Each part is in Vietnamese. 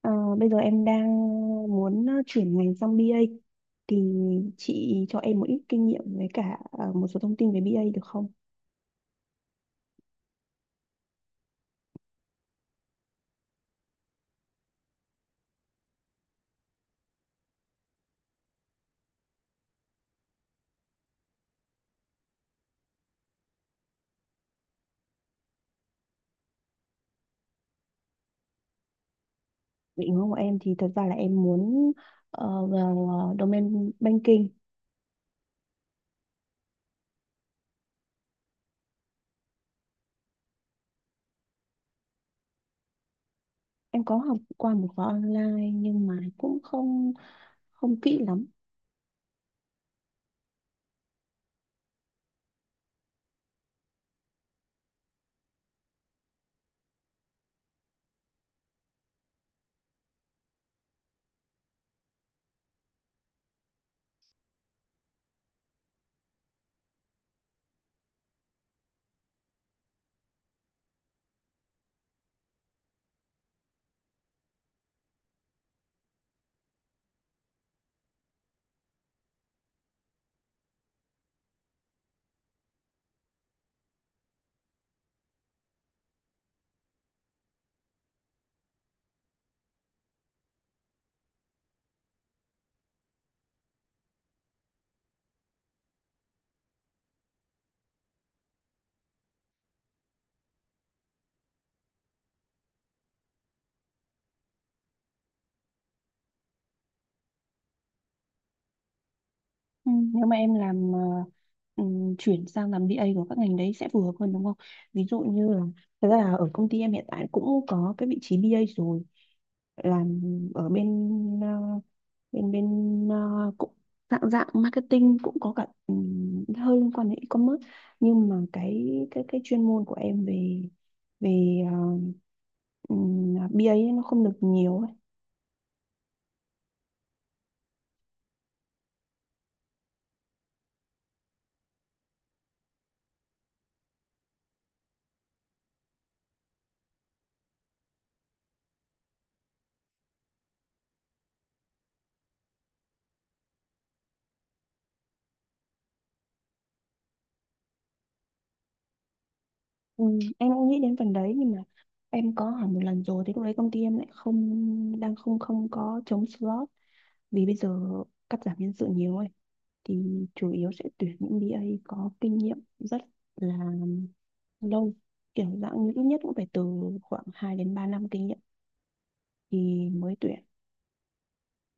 Ờ, bây giờ em đang muốn chuyển ngành sang bê A thì chị cho em một ít kinh nghiệm với cả một số thông tin về bê A được không? Định hướng của em thì thật ra là em muốn vào domain banking. Em có học qua một khóa online nhưng mà cũng không không kỹ lắm. Ừ, nếu mà em làm chuyển sang làm bê A của các ngành đấy sẽ phù hợp hơn đúng không? Ví dụ như là thật ra là ở công ty em hiện tại cũng có cái vị trí bê A rồi làm ở bên ờ, bên bên ờ, cũng dạng dạng marketing cũng có cả hơi liên quan đến e-commerce nhưng mà cái chuyên môn của em về về BA ấy nó không được nhiều. Ừ, em cũng nghĩ đến phần đấy nhưng mà em có hỏi một lần rồi, thì lúc đấy công ty em lại không đang không không có trống slot vì bây giờ cắt giảm nhân sự nhiều ấy, thì chủ yếu sẽ tuyển những BA có kinh nghiệm rất là lâu, kiểu dạng như ít nhất cũng phải từ khoảng 2 đến 3 năm kinh nghiệm thì mới tuyển.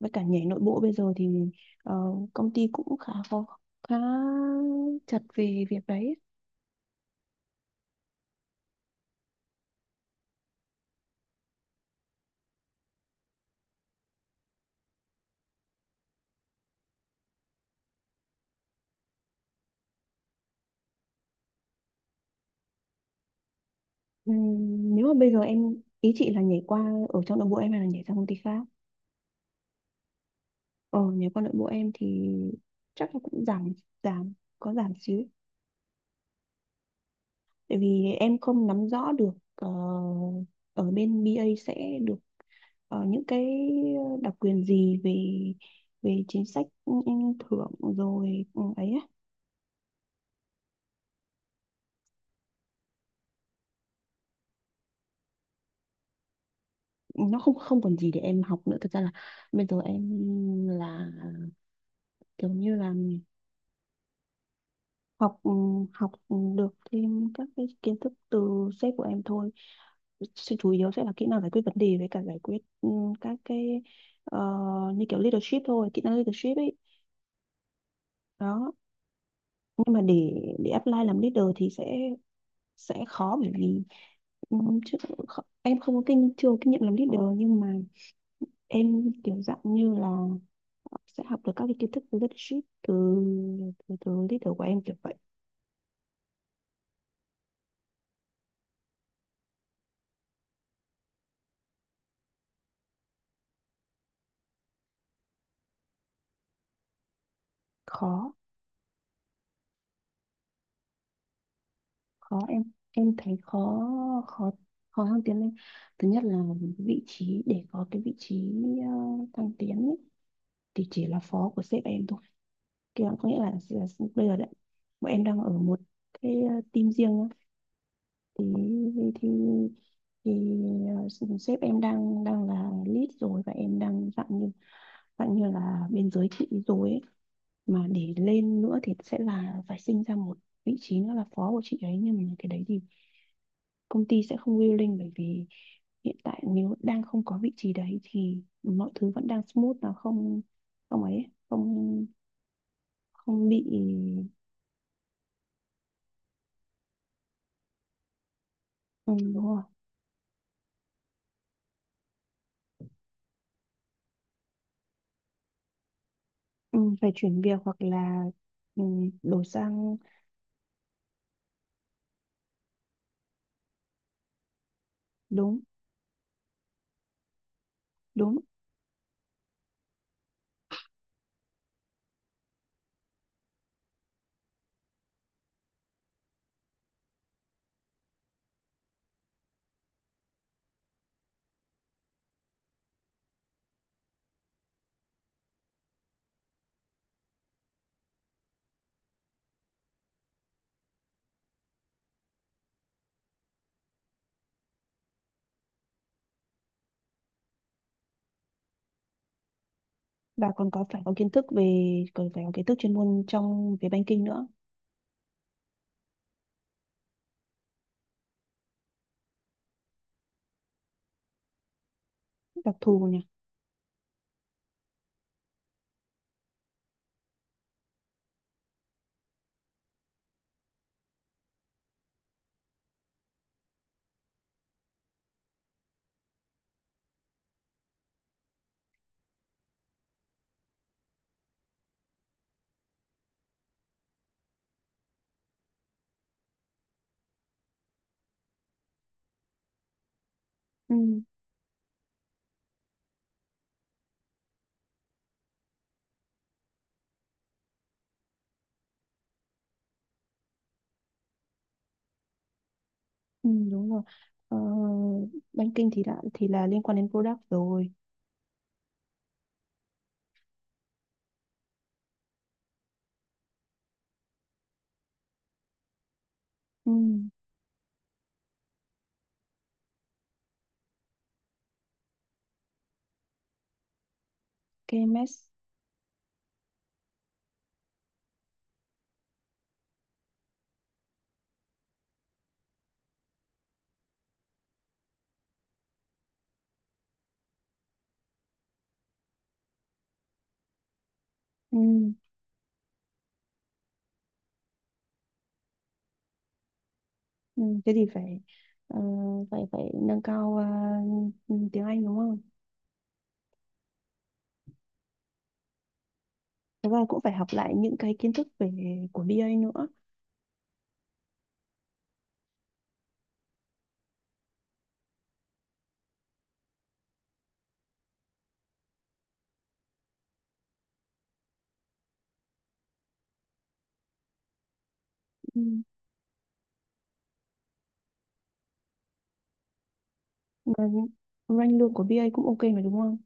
Với cả nhảy nội bộ bây giờ thì ờ, công ty cũng khá khó, khá chặt về việc đấy. Nếu mà bây giờ em, ý chị là nhảy qua ở trong nội bộ em hay là nhảy sang công ty khác? Ờ nhảy qua nội bộ em thì chắc là cũng giảm giảm có giảm xíu, tại vì em không nắm rõ được ở bên BA sẽ được những cái đặc quyền gì về về chính sách, ừ, ừ, thưởng rồi ừ, ấy á. Nó không không còn gì để em học nữa, thực ra là bây giờ em là kiểu như là học, ừ, học được thêm các cái kiến thức từ sếp của em thôi. Sự chủ yếu sẽ là kỹ năng giải quyết vấn đề với cả giải quyết, ừ, các cái ờ, như kiểu leadership thôi, kỹ năng leadership ấy đó. Nhưng mà để apply làm leader thì sẽ khó, bởi vì ừ, em không có kinh chưa có kinh nghiệm làm leader, nhưng mà em kiểu dạng như là sẽ học được các cái kiến thức từ leadership từ từ leader của em, kiểu vậy. Khó, khó, em thấy khó khó khó thăng tiến lên. Thứ nhất là vị trí, để có cái vị trí ờ, thăng tiến ấy, thì chỉ là phó của sếp em thôi. Kia có nghĩa là bây giờ đấy bọn em đang ở một cái team riêng á. Thì thì thì ờ, sếp em đang đang là lead rồi, và em đang dạng như là bên dưới chị rồi ấy. Mà để lên nữa thì sẽ là phải sinh ra một vị trí nữa là phó của chị ấy, nhưng mà cái đấy thì công ty sẽ không willing, bởi vì hiện tại nếu đang không có vị trí đấy thì mọi thứ vẫn đang smooth, nó không không ấy không không bị. Ừ, đúng rồi. Ừ, phải chuyển việc hoặc là, ừ, đổi sang. Đúng, đúng, và còn có phải có kiến thức về, còn phải có kiến thức chuyên môn trong về banking nữa. Đặc thù nhỉ. Ừ, ừ, đúng rồi. Ờ, banking thì đã thì là liên quan đến product rồi. Ừ, KMS. Ừ. Ừ, thế thì phải ờ, phải phải nâng cao ừ, tiếng Anh đúng không? Thế và cũng phải học lại những cái kiến thức về của bê A nữa. Ừ. Mà ranh lương của bê A cũng ok mà đúng không?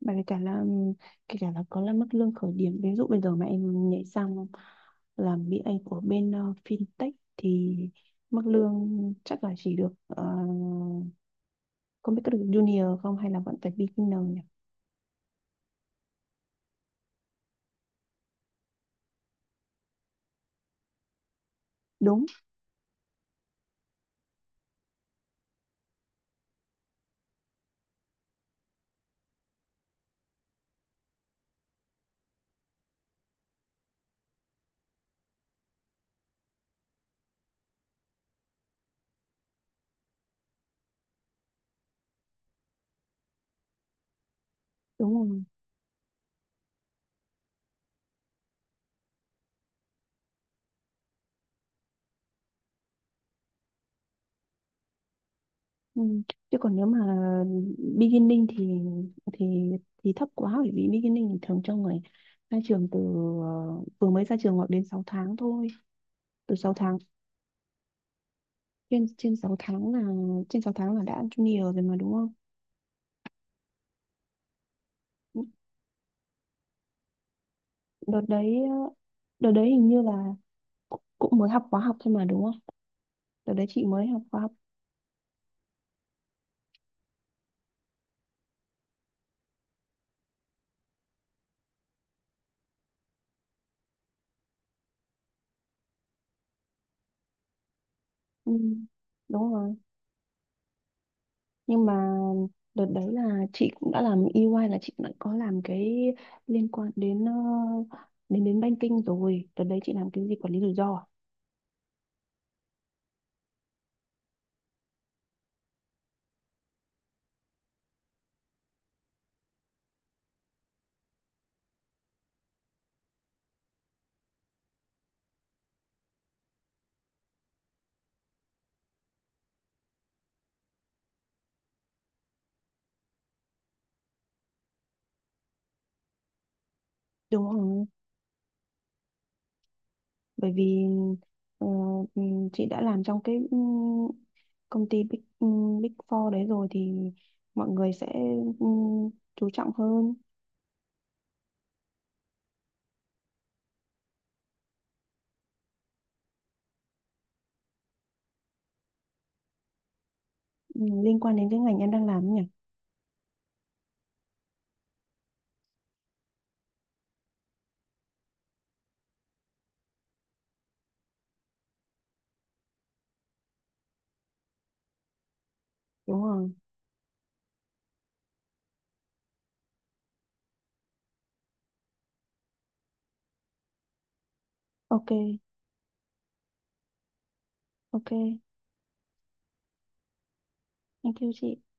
Mà kể cả là, kể cả là có là mức lương khởi điểm, ví dụ bây giờ mà em nhảy sang làm bê A của bên fintech thì mức lương chắc là chỉ được không biết có được junior không hay là vẫn phải beginner nhỉ? Đúng, đúng rồi. Ừ. Chứ còn nếu mà beginning thì thì thì thấp quá, bởi vì beginning thì thường cho người ra trường từ ờ, vừa mới ra trường, hoặc đến 6 tháng thôi. Từ 6 tháng, trên trên 6 tháng là, trên 6 tháng là đã junior rồi mà đúng không? Đợt đấy, đợt đấy hình như là cũng cũng mới học khóa học thôi mà đúng không? Đợt đấy chị mới học khóa học. Ừ. Đúng rồi. Nhưng mà đợt đấy là chị cũng đã làm EY, là chị đã có làm cái liên quan đến đến đến banking rồi. Đợt đấy chị làm cái gì, quản lý rủi ro à? Đúng không? Bởi vì ờ, chị đã làm trong cái công ty big, Big Four đấy rồi, thì mọi người sẽ, ừm, chú trọng hơn. Ừm, liên quan đến cái ngành em đang làm ấy nhỉ. Đúng không? Ok. Ok. Thank you chị.